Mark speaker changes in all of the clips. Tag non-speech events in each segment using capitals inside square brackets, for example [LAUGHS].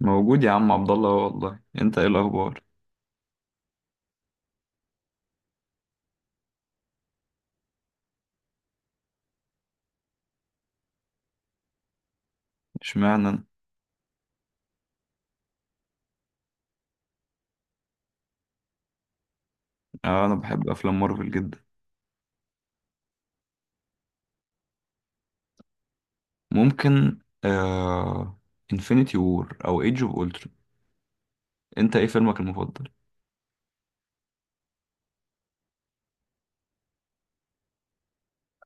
Speaker 1: موجود يا عم عبد الله أهو. والله انت ايه الاخبار؟ اشمعنى انا؟ آه، انا بحب افلام مارفل جدا. ممكن. انفينيتي وور او ايدج اوف اولترون. انت ايه فيلمك المفضل؟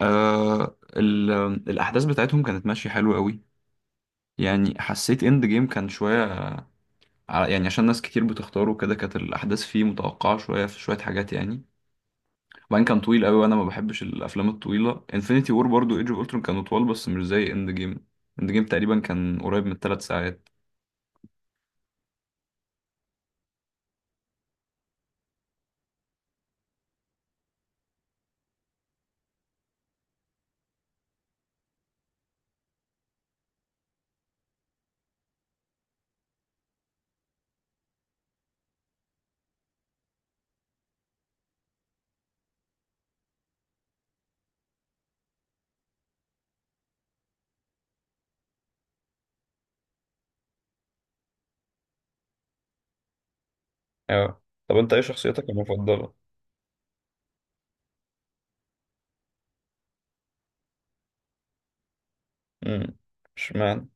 Speaker 1: آه ال... الاحداث بتاعتهم كانت ماشيه حلوه قوي. يعني حسيت اند جيم كان شويه. يعني عشان ناس كتير بتختاره كده كانت الاحداث فيه متوقعه شويه، في شويه حاجات يعني. وبعدين كان طويل قوي وانا ما بحبش الافلام الطويله. انفينيتي وور برضو ايدج اوف اولترون كانوا طوال بس مش زي اند جيم. اند جيم تقريبا كان قريب من 3 ساعات. اه. طب انت ايه شخصيتك المفضلة؟ امم اشمعنى؟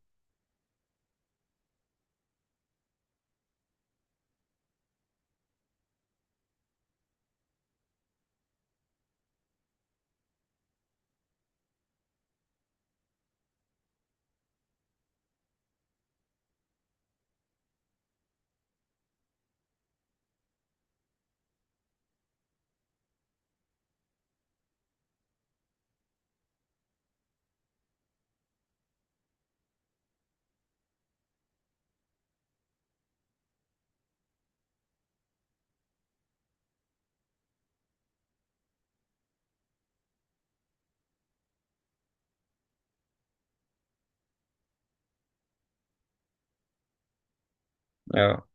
Speaker 1: اه.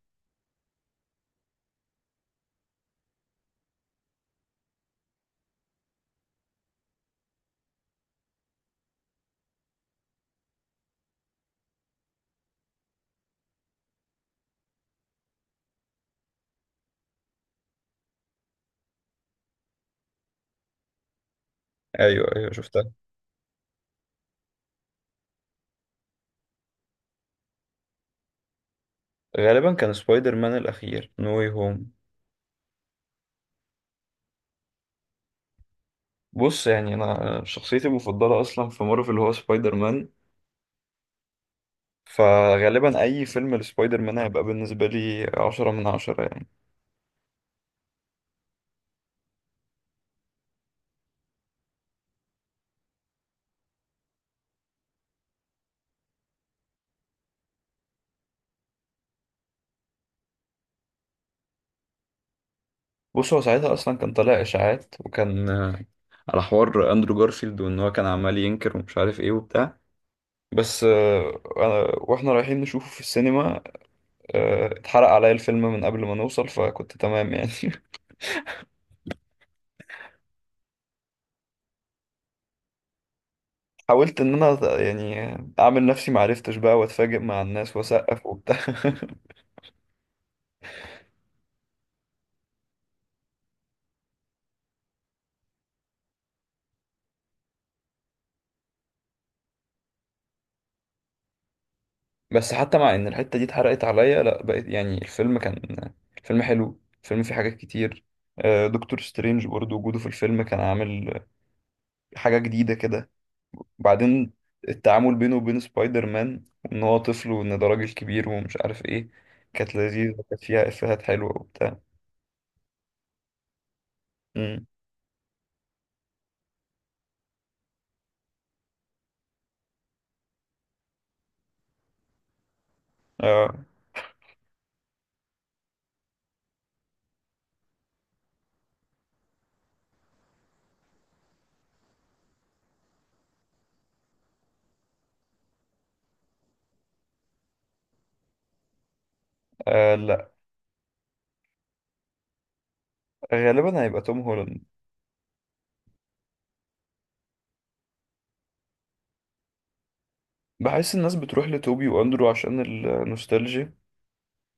Speaker 1: ايوه ايوه شفتها. غالبا كان سبايدر مان الاخير نو واي هوم. بص يعني انا شخصيتي المفضلة اصلا في مارفل هو سبايدر مان. فغالبا اي فيلم لسبايدر مان هيبقى بالنسبة لي 10 من 10 يعني. بص هو ساعتها اصلا كان طالع اشاعات، وكان على حوار اندرو جارفيلد وان هو كان عمال ينكر ومش عارف ايه وبتاع. بس واحنا رايحين نشوفه في السينما، اتحرق عليا الفيلم من قبل ما نوصل فكنت تمام يعني. [LAUGHS] حاولت ان انا يعني اعمل نفسي معرفتش بقى واتفاجئ مع الناس واسقف وبتاع. [LAUGHS] بس حتى مع ان الحتة دي اتحرقت عليا لا بقيت يعني الفيلم كان. الفيلم حلو، الفيلم فيه حاجات كتير. دكتور سترينج برضه وجوده في الفيلم كان عامل حاجة جديدة كده. وبعدين التعامل بينه وبين سبايدر مان وان هو طفل وان ده راجل كبير ومش عارف ايه كانت لذيذة، كانت فيها افيهات حلوة وبتاع. مم. اه. آه، غالبا هيبقى توم هولاند. بحس الناس بتروح لتوبي واندرو عشان النوستالجيا،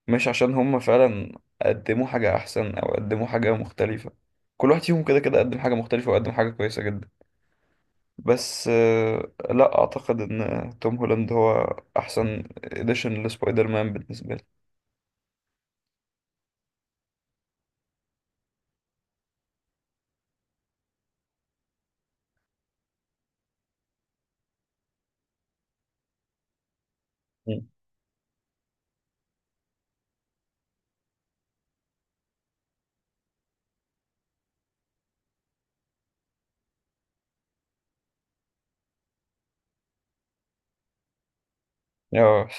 Speaker 1: مش عشان هم فعلا قدموا حاجة أحسن أو قدموا حاجة مختلفة. كل واحد فيهم كده كده قدم حاجة مختلفة وقدم حاجة كويسة جدا. بس لا أعتقد إن توم هولاند هو أحسن إديشن لسبايدر مان بالنسبة لي. مم. آه،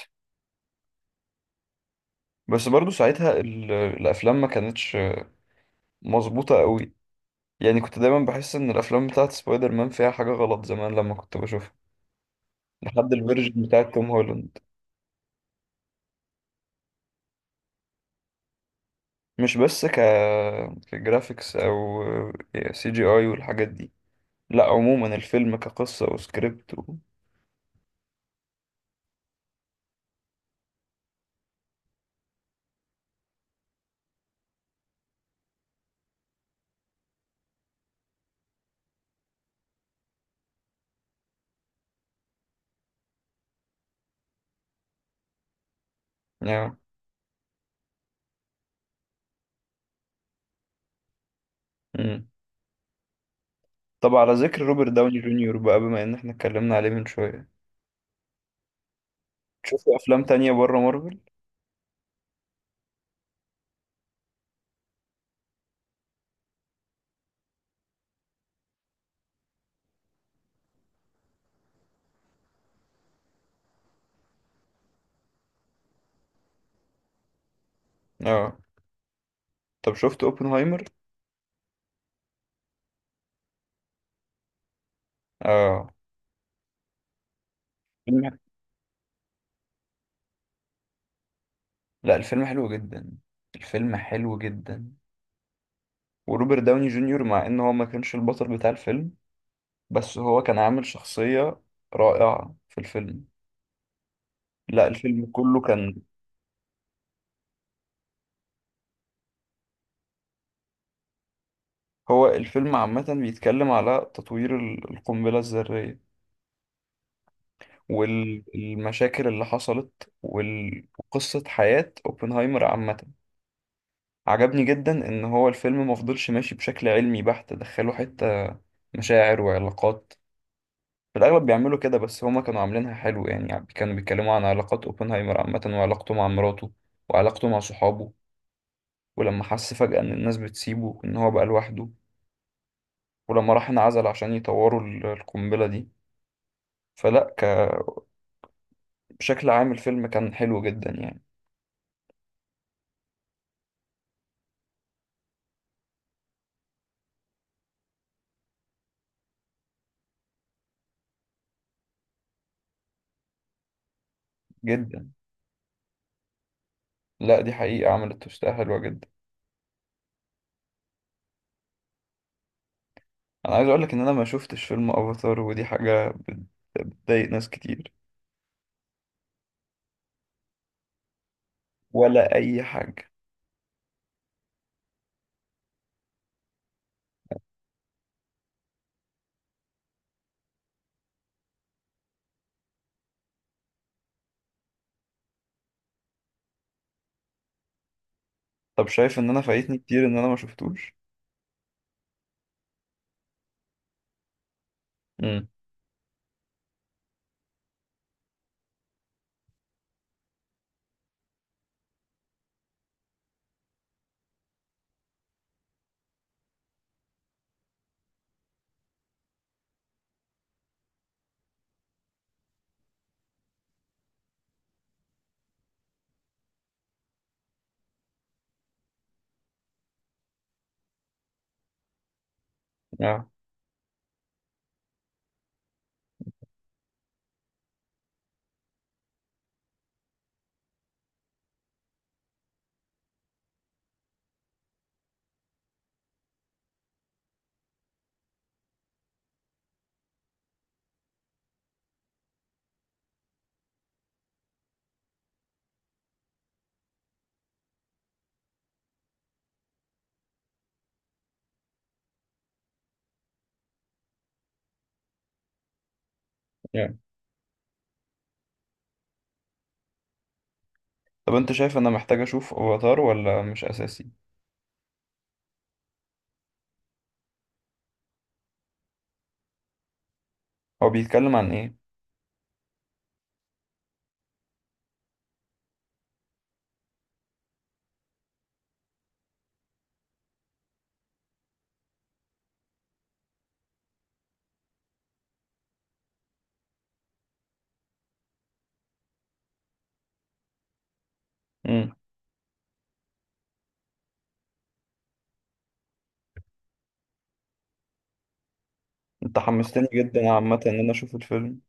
Speaker 1: بس برضو ساعتها الأفلام ما كانتش مظبوطة قوي. يعني كنت دايما بحس إن الأفلام بتاعت سبايدر مان فيها حاجة غلط زمان لما كنت بشوفها. لحد الفيرجن بتاعت توم هولاند. مش بس كجرافيكس او سي جي اي والحاجات دي. لا عموما الفيلم كقصة وسكريبت يعني. مم. طب على ذكر روبرت داوني جونيور بقى بما ان احنا اتكلمنا عليه من شوية، شفت افلام تانية بره مارفل؟ اه. طب شفت اوبنهايمر؟ اه. فيلم- لا الفيلم حلو جدا. الفيلم حلو جدا وروبرت داوني جونيور مع ان هو ما كانش البطل بتاع الفيلم بس هو كان عامل شخصية رائعة في الفيلم. لا الفيلم كله كان. هو الفيلم عامة بيتكلم على تطوير القنبلة الذرية والمشاكل اللي حصلت وقصة حياة اوبنهايمر عامة. عجبني جدا ان هو الفيلم مفضلش ماشي بشكل علمي بحت، دخلوا حتة مشاعر وعلاقات. في الاغلب بيعملوا كده بس هما كانوا عاملينها حلو يعني. يعني كانوا بيتكلموا عن علاقات اوبنهايمر عامة، وعلاقته مع مراته وعلاقته مع صحابه ولما حس فجأة ان الناس بتسيبه ان هو بقى لوحده، ولما راح انعزل عشان يطوروا القنبلة دي. فلا، بشكل عام الفيلم كان حلو جدا يعني. جدا. لا دي حقيقة عملت توستة حلوة جدا. انا عايز اقولك ان انا ما شفتش فيلم افاتار ودي حاجة بتضايق ناس كتير. ولا اي حاجة. طب شايف ان انا فايتني كتير ان انا ما شفتوش؟ امم اه. yeah. طب انت شايف ان انا محتاج اشوف افاتار ولا مش اساسي؟ هو بيتكلم عن ايه؟ امم انت حمستني جدا عامة ان انا اشوف الفيلم.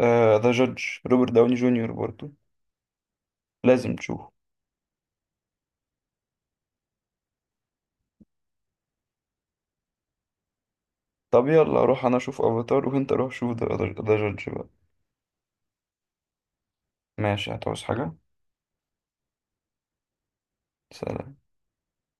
Speaker 1: ذا جادج روبرت داوني جونيور برضو. لازم تشوفه. طب يلا اروح انا اشوف افاتار وانت روح شوف ذا جادج بقى. ماشي هتعوز حاجة؟ سلام.